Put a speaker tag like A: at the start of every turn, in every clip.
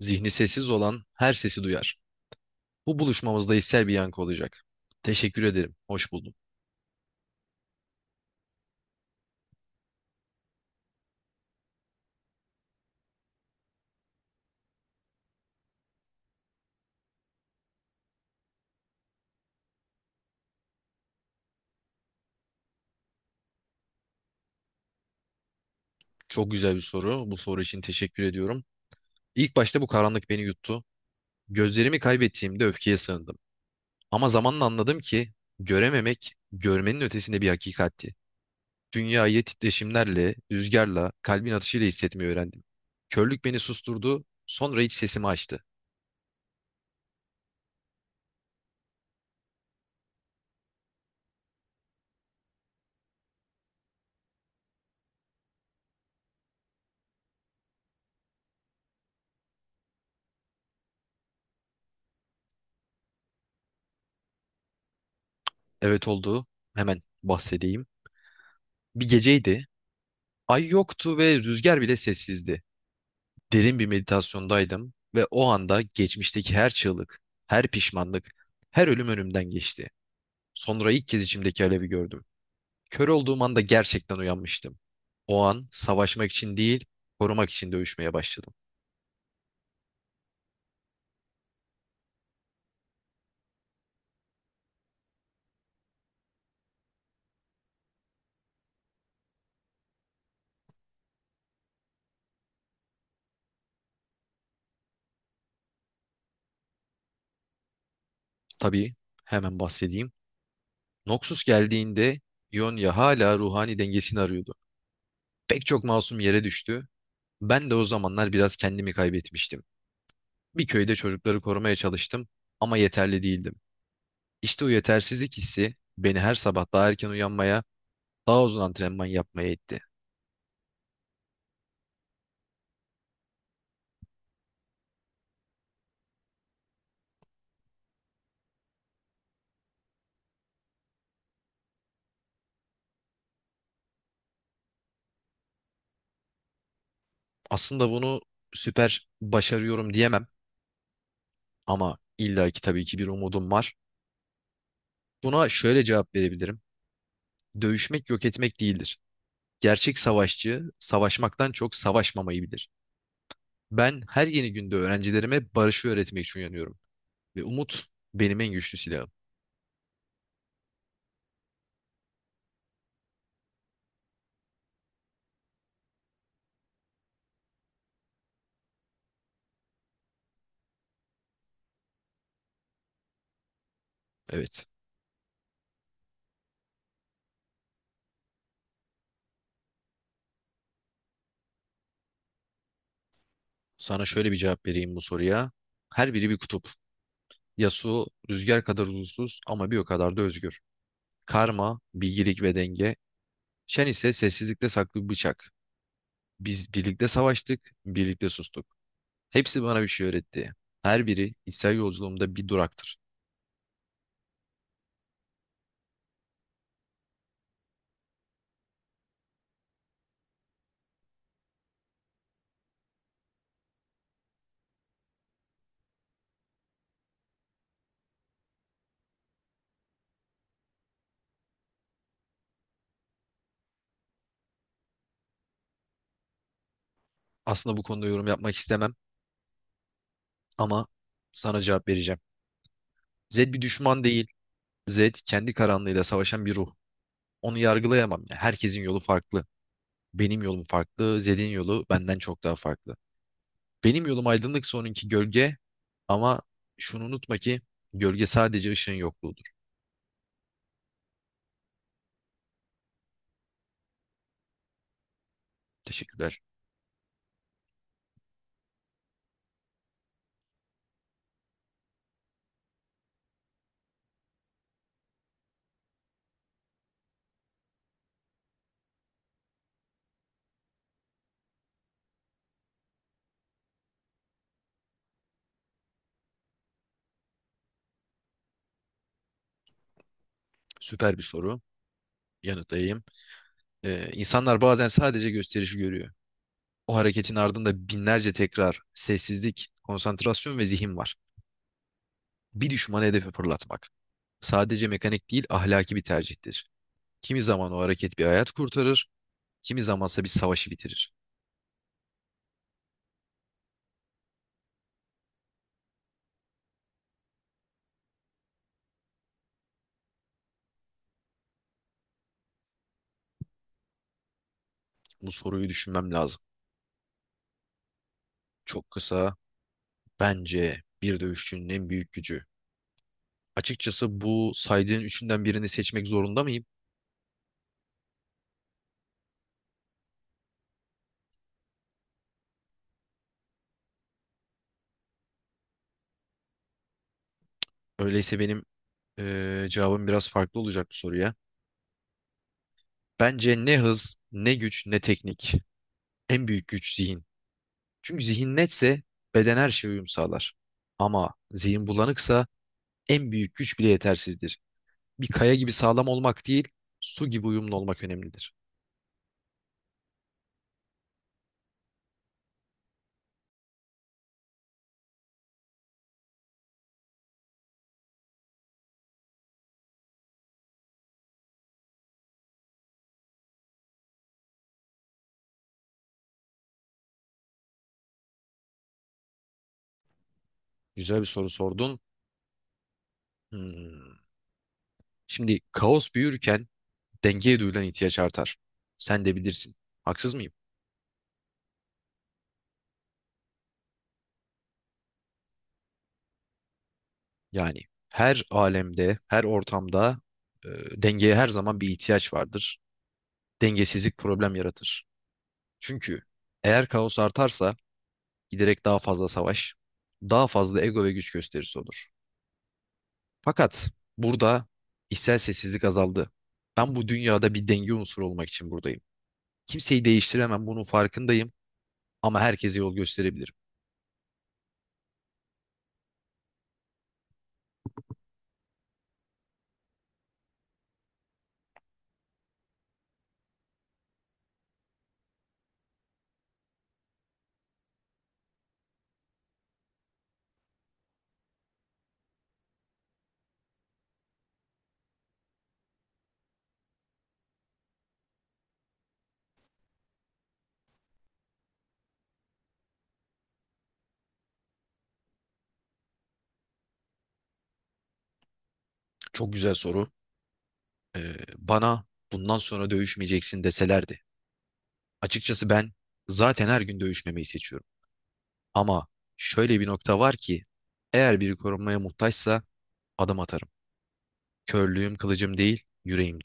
A: Zihni sessiz olan her sesi duyar. Bu buluşmamızda hissel bir yankı olacak. Teşekkür ederim. Hoş buldum. Çok güzel bir soru. Bu soru için teşekkür ediyorum. İlk başta bu karanlık beni yuttu. Gözlerimi kaybettiğimde öfkeye sığındım. Ama zamanla anladım ki görememek görmenin ötesinde bir hakikatti. Dünyayı titreşimlerle, rüzgarla, kalbin atışıyla hissetmeyi öğrendim. Körlük beni susturdu, sonra iç sesimi açtı. Evet, oldu, hemen bahsedeyim. Bir geceydi, ay yoktu ve rüzgar bile sessizdi. Derin bir meditasyondaydım ve o anda geçmişteki her çığlık, her pişmanlık, her ölüm önümden geçti. Sonra ilk kez içimdeki alevi gördüm. Kör olduğum anda gerçekten uyanmıştım. O an savaşmak için değil, korumak için dövüşmeye başladım. Tabii, hemen bahsedeyim. Noxus geldiğinde Ionia hala ruhani dengesini arıyordu. Pek çok masum yere düştü. Ben de o zamanlar biraz kendimi kaybetmiştim. Bir köyde çocukları korumaya çalıştım ama yeterli değildim. İşte o yetersizlik hissi beni her sabah daha erken uyanmaya, daha uzun antrenman yapmaya itti. Aslında bunu süper başarıyorum diyemem ama illaki tabii ki bir umudum var. Buna şöyle cevap verebilirim. Dövüşmek yok etmek değildir. Gerçek savaşçı savaşmaktan çok savaşmamayı bilir. Ben her yeni günde öğrencilerime barışı öğretmek için uyanıyorum ve umut benim en güçlü silahım. Evet. Sana şöyle bir cevap vereyim bu soruya. Her biri bir kutup. Yasuo rüzgar kadar huzursuz ama bir o kadar da özgür. Karma, bilgilik ve denge. Şen ise sessizlikte saklı bir bıçak. Biz birlikte savaştık, birlikte sustuk. Hepsi bana bir şey öğretti. Her biri içsel yolculuğumda bir duraktır. Aslında bu konuda yorum yapmak istemem ama sana cevap vereceğim. Zed bir düşman değil. Zed kendi karanlığıyla savaşan bir ruh. Onu yargılayamam, ya, herkesin yolu farklı. Benim yolum farklı, Zed'in yolu benden çok daha farklı. Benim yolum aydınlıksa onunki gölge, ama şunu unutma ki gölge sadece ışığın yokluğudur. Teşekkürler. Süper bir soru. Yanıtlayayım. İnsanlar bazen sadece gösterişi görüyor. O hareketin ardında binlerce tekrar, sessizlik, konsantrasyon ve zihin var. Bir düşmanı hedefe fırlatmak. Sadece mekanik değil, ahlaki bir tercihtir. Kimi zaman o hareket bir hayat kurtarır, kimi zamansa bir savaşı bitirir. Bu soruyu düşünmem lazım. Çok kısa, bence bir dövüşçünün en büyük gücü. Açıkçası bu saydığın üçünden birini seçmek zorunda mıyım? Öyleyse benim cevabım biraz farklı olacak bu soruya. Bence ne hız, ne güç, ne teknik. En büyük güç zihin. Çünkü zihin netse beden her şeye uyum sağlar. Ama zihin bulanıksa en büyük güç bile yetersizdir. Bir kaya gibi sağlam olmak değil, su gibi uyumlu olmak önemlidir. Güzel bir soru sordun. Hmm. Şimdi kaos büyürken dengeye duyulan ihtiyaç artar. Sen de bilirsin. Haksız mıyım? Yani her alemde, her ortamda e, dengeye her zaman bir ihtiyaç vardır. Dengesizlik problem yaratır. Çünkü eğer kaos artarsa giderek daha fazla savaş, daha fazla ego ve güç gösterisi olur. Fakat burada içsel sessizlik azaldı. Ben bu dünyada bir denge unsuru olmak için buradayım. Kimseyi değiştiremem, bunun farkındayım ama herkese yol gösterebilirim. Çok güzel soru. Bana bundan sonra dövüşmeyeceksin deselerdi. Açıkçası ben zaten her gün dövüşmemeyi seçiyorum. Ama şöyle bir nokta var ki eğer biri korunmaya muhtaçsa adım atarım. Körlüğüm kılıcım değil, yüreğim.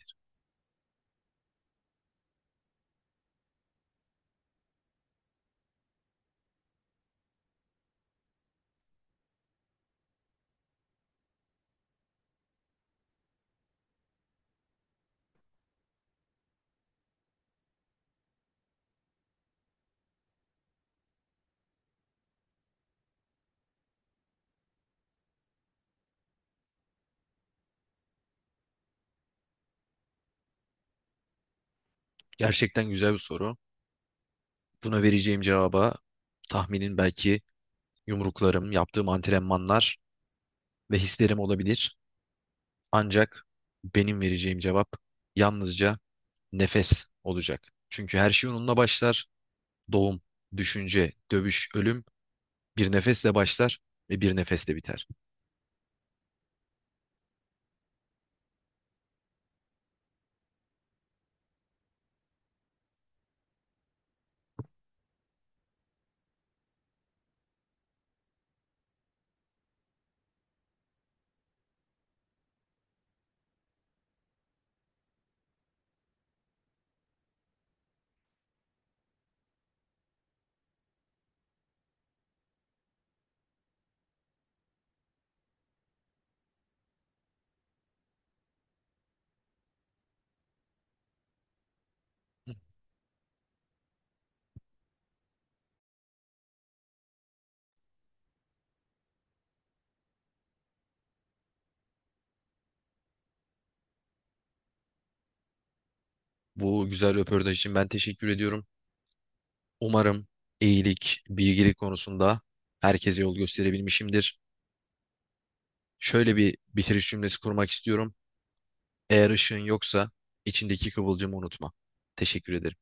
A: Gerçekten güzel bir soru. Buna vereceğim cevaba tahminin belki yumruklarım, yaptığım antrenmanlar ve hislerim olabilir. Ancak benim vereceğim cevap yalnızca nefes olacak. Çünkü her şey onunla başlar. Doğum, düşünce, dövüş, ölüm bir nefesle başlar ve bir nefesle biter. Hı. Bu güzel röportaj için ben teşekkür ediyorum. Umarım iyilik, bilgilik konusunda herkese yol gösterebilmişimdir. Şöyle bir bitiriş cümlesi kurmak istiyorum. Eğer ışığın yoksa içindeki kıvılcımı unutma. Teşekkür ederim.